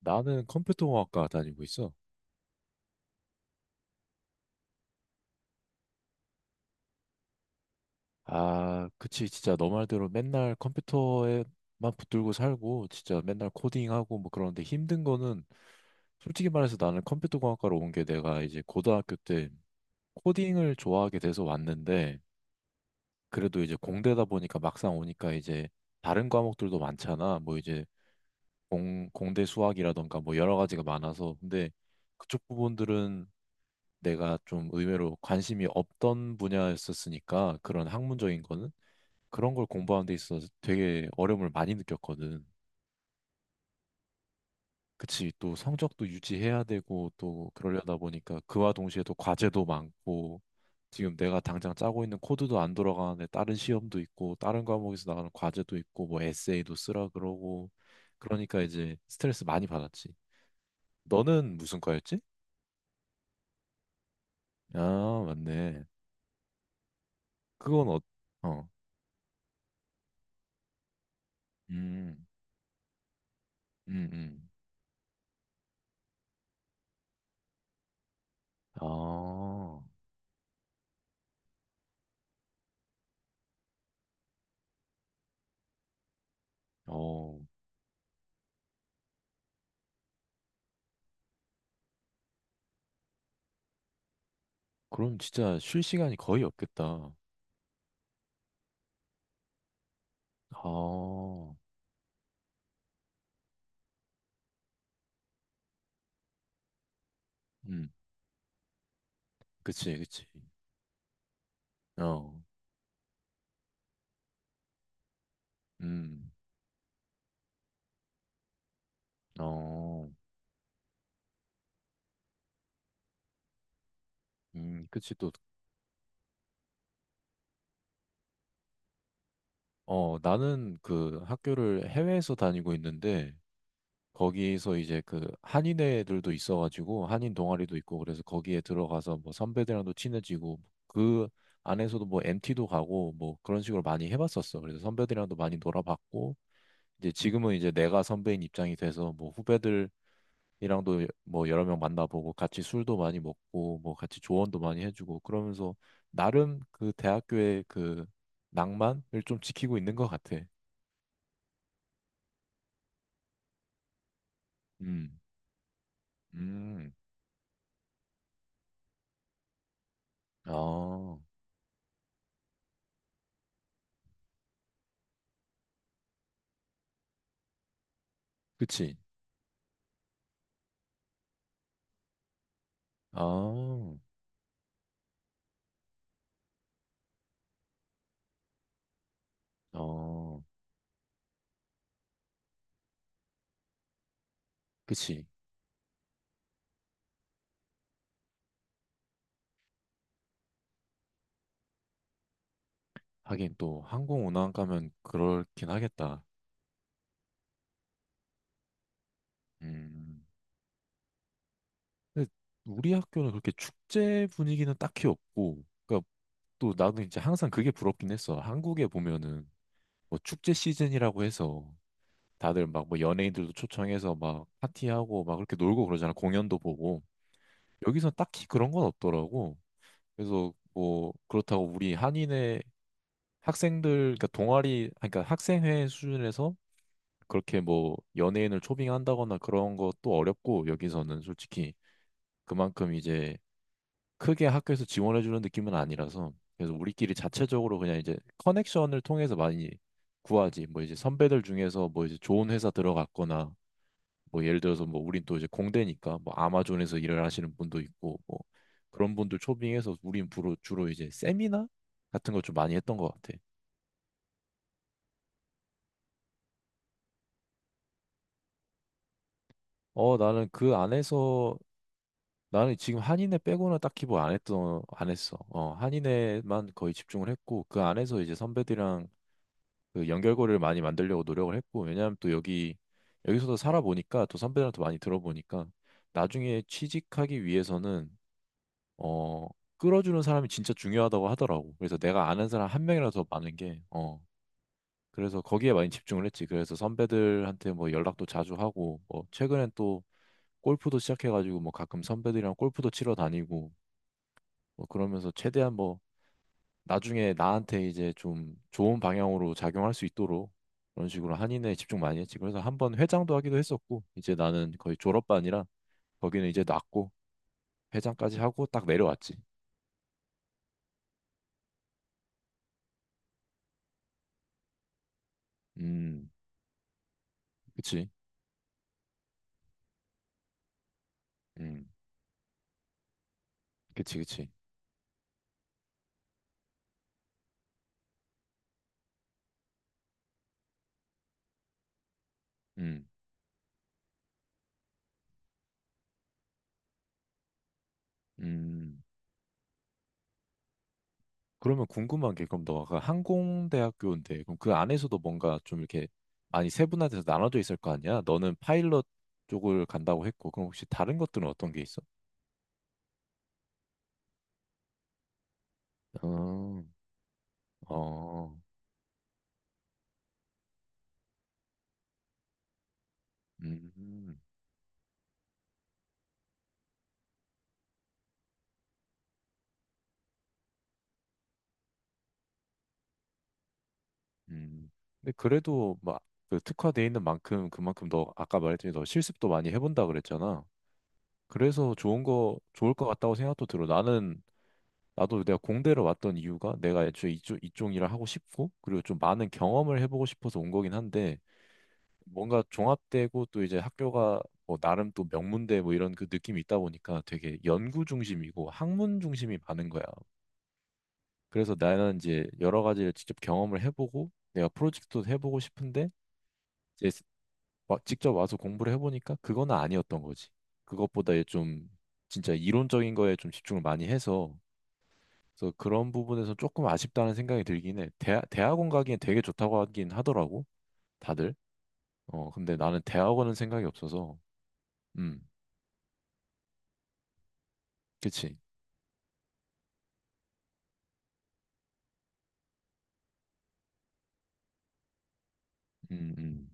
나는 컴퓨터공학과 다니고 있어. 아, 그치. 진짜 너 말대로 맨날 컴퓨터에만 붙들고 살고, 진짜 맨날 코딩하고 뭐 그런데 힘든 거는 솔직히 말해서 나는 컴퓨터공학과로 온 게 내가 이제 고등학교 때 코딩을 좋아하게 돼서 왔는데, 그래도 이제 공대다 보니까 막상 오니까 이제 다른 과목들도 많잖아. 뭐 이제 공대 수학이라던가 뭐 여러 가지가 많아서. 근데 그쪽 부분들은 내가 좀 의외로 관심이 없던 분야였었으니까 그런 학문적인 거는 그런 걸 공부하는 데 있어서 되게 어려움을 많이 느꼈거든. 그치, 또 성적도 유지해야 되고 또 그러려다 보니까 그와 동시에 또 과제도 많고 지금 내가 당장 짜고 있는 코드도 안 돌아가는데 다른 시험도 있고 다른 과목에서 나가는 과제도 있고 뭐 에세이도 쓰라 그러고 그러니까 이제 스트레스 많이 받았지. 너는 무슨 과였지? 아, 맞네. 그건 어, 어, 음, 음, 음. 아, 어, 그럼 진짜 쉴 시간이 거의 없겠다. 아, 음, 그치, 그치. 어, 음, 어, 그치. 또, 어, 나는 그 학교를 해외에서 다니고 있는데, 거기서 이제 그 한인애들도 있어가지고, 한인 동아리도 있고, 그래서 거기에 들어가서 뭐 선배들이랑도 친해지고, 그 안에서도 뭐엠 t 도 가고, 뭐 그런 식으로 많이 해봤었어. 그래서 선배들이랑도 많이 놀아봤고, 이제 지금은 이제 내가 선배인 입장이 돼서 뭐 후배들이랑도 뭐 여러 명 만나보고 같이 술도 많이 먹고 뭐 같이 조언도 많이 해주고 그러면서 나름 그 대학교의 그 낭만을 좀 지키고 있는 것 같아. 음, 음, 아, 그치. 아, 어, 그치. 하긴 또 항공 운항 가면 그렇긴 하겠다. 음. 근데 우리 학교는 그렇게 축제 분위기는 딱히 없고, 그러니까 또 나는 이제 항상 그게 부럽긴 했어. 한국에 보면은 뭐 축제 시즌이라고 해서 다들 막 뭐 연예인들도 초청해서 막 파티하고 막 그렇게 놀고 그러잖아. 공연도 보고. 여기서 딱히 그런 건 없더라고. 그래서 뭐 그렇다고 우리 한인의 학생들, 그러니까 동아리, 그러니까 학생회 수준에서 그렇게 뭐 연예인을 초빙한다거나 그런 것도 어렵고 여기서는 솔직히 그만큼 이제 크게 학교에서 지원해 주는 느낌은 아니라서 그래서 우리끼리 자체적으로 그냥 이제 커넥션을 통해서 많이 구하지 뭐 이제 선배들 중에서 뭐 이제 좋은 회사 들어갔거나 뭐 예를 들어서 뭐 우린 또 이제 공대니까 뭐 아마존에서 일을 하시는 분도 있고 뭐 그런 분들 초빙해서 우린 주로 이제 세미나 같은 걸 좀 많이 했던 것 같아. 어 나는 그 안에서 나는 지금 한인회 빼고는 딱히 뭐 안 했어. 어 한인회만 거의 집중을 했고 그 안에서 이제 선배들이랑 그 연결고리를 많이 만들려고 노력을 했고 왜냐하면 또 여기서도 살아보니까 또 선배들한테 많이 들어보니까 나중에 취직하기 위해서는 어 끌어주는 사람이 진짜 중요하다고 하더라고 그래서 내가 아는 사람 한 명이라도 더 많은 게 그래서 거기에 많이 집중을 했지 그래서 선배들한테 뭐 연락도 자주 하고 뭐 최근엔 또 골프도 시작해가지고 뭐 가끔 선배들이랑 골프도 치러 다니고 뭐 그러면서 최대한 뭐 나중에 나한테 이제 좀 좋은 방향으로 작용할 수 있도록 그런 식으로 한인회에 집중 많이 했지. 그래서 한번 회장도 하기도 했었고, 이제 나는 거의 졸업반이라 거기는 이제 놨고 회장까지 하고 딱 내려왔지. 음, 그치. 음, 그치, 그치. 음, 음. 그러면 궁금한 게 그럼 너가 그 항공대학교인데 그럼 그 안에서도 뭔가 좀 이렇게 많이 세분화돼서 나눠져 있을 거 아니야? 너는 파일럿 쪽을 간다고 했고, 그럼 혹시 다른 것들은 어떤 게 있어? 어, 어, 음. 음. 근데 그래도 막그 특화돼 있는 만큼 그만큼 너 아까 말했더니 너 실습도 많이 해본다 그랬잖아. 그래서 좋은 거 좋을 것 같다고 생각도 들어. 나는 나도 내가 공대를 왔던 이유가 내가 애초에 이쪽 일을 하고 싶고 그리고 좀 많은 경험을 해보고 싶어서 온 거긴 한데 뭔가 종합되고 또 이제 학교가 뭐 나름 또 명문대 뭐 이런 그 느낌이 있다 보니까 되게 연구 중심이고 학문 중심이 많은 거야. 그래서 나는 이제 여러 가지를 직접 경험을 해보고 내가 프로젝트도 해보고 싶은데 직접 와서 공부를 해보니까 그거는 아니었던 거지. 그것보다 얘좀 진짜 이론적인 거에 좀 집중을 많이 해서 그래서 그런 부분에서 조금 아쉽다는 생각이 들긴 해. 대학원 가기엔 되게 좋다고 하긴 하더라고. 다들. 어, 근데 나는 대학원은 생각이 없어서. 음, 그치. 음, 음.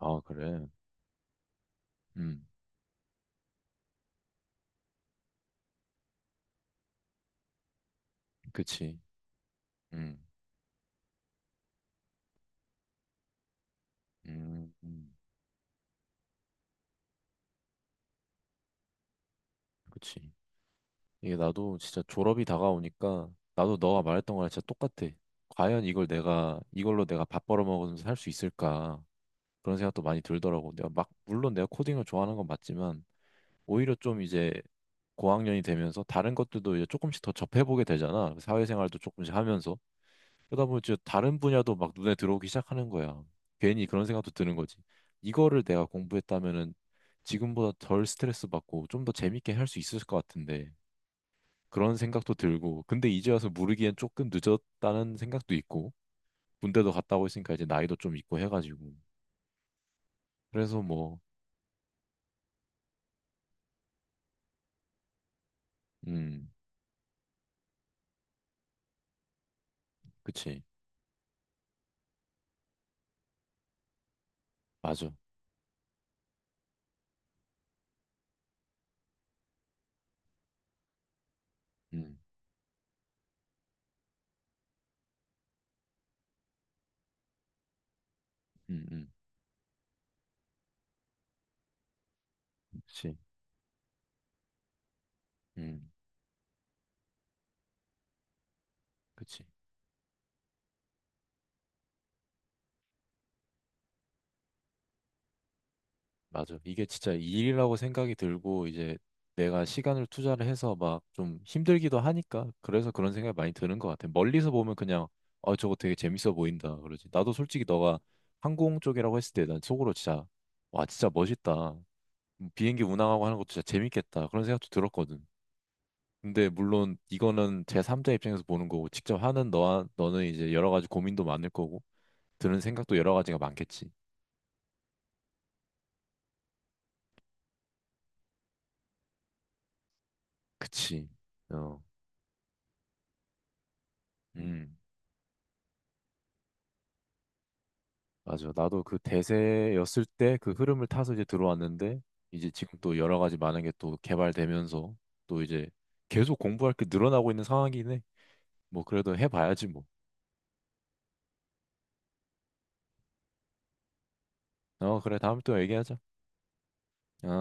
아, 그래. 음, 그치. 음, 음, 음. 그치. 이게 나도 진짜 졸업이 다가오니까 나도 너가 말했던 거랑 진짜 똑같아. 과연 이걸 내가 이걸로 내가 밥 벌어 먹으면서 살 수 있을까? 그런 생각도 많이 들더라고. 내가 막 물론 내가 코딩을 좋아하는 건 맞지만 오히려 좀 이제 고학년이 되면서 다른 것들도 이제 조금씩 더 접해보게 되잖아. 사회생활도 조금씩 하면서 그러다 보면 이제 다른 분야도 막 눈에 들어오기 시작하는 거야. 괜히 그런 생각도 드는 거지. 이거를 내가 공부했다면은 지금보다 덜 스트레스 받고 좀 더 재밌게 할 수 있을 것 같은데. 그런 생각도 들고 근데 이제 와서 모르기엔 조금 늦었다는 생각도 있고 군대도 갔다 오고 있으니까 이제 나이도 좀 있고 해가지고 그래서 뭐 음 그치 맞아 음음음 그치 음 그치 맞아 이게 진짜 일이라고 생각이 들고 이제 내가 시간을 투자를 해서 막 좀 힘들기도 하니까 그래서 그런 생각이 많이 드는 것 같아 멀리서 보면 그냥 어 저거 되게 재밌어 보인다 그러지 나도 솔직히 너가 항공 쪽이라고 했을 때 난 속으로 진짜 와 진짜 멋있다 비행기 운항하고 하는 것도 진짜 재밌겠다. 그런 생각도 들었거든. 근데 물론 이거는 제3자 입장에서 보는 거고 직접 하는 너와 너는 이제 여러 가지 고민도 많을 거고 드는 생각도 여러 가지가 많겠지. 그치. 어. 음. 맞아. 나도 그 대세였을 때 그 흐름을 타서 이제 들어왔는데 이제 지금 또 여러 가지 많은 게 또 개발되면서 또 이제 계속 공부할 게 늘어나고 있는 상황이긴 해. 뭐 그래도 해봐야지 뭐. 어, 그래. 다음에 또 얘기하자. 어.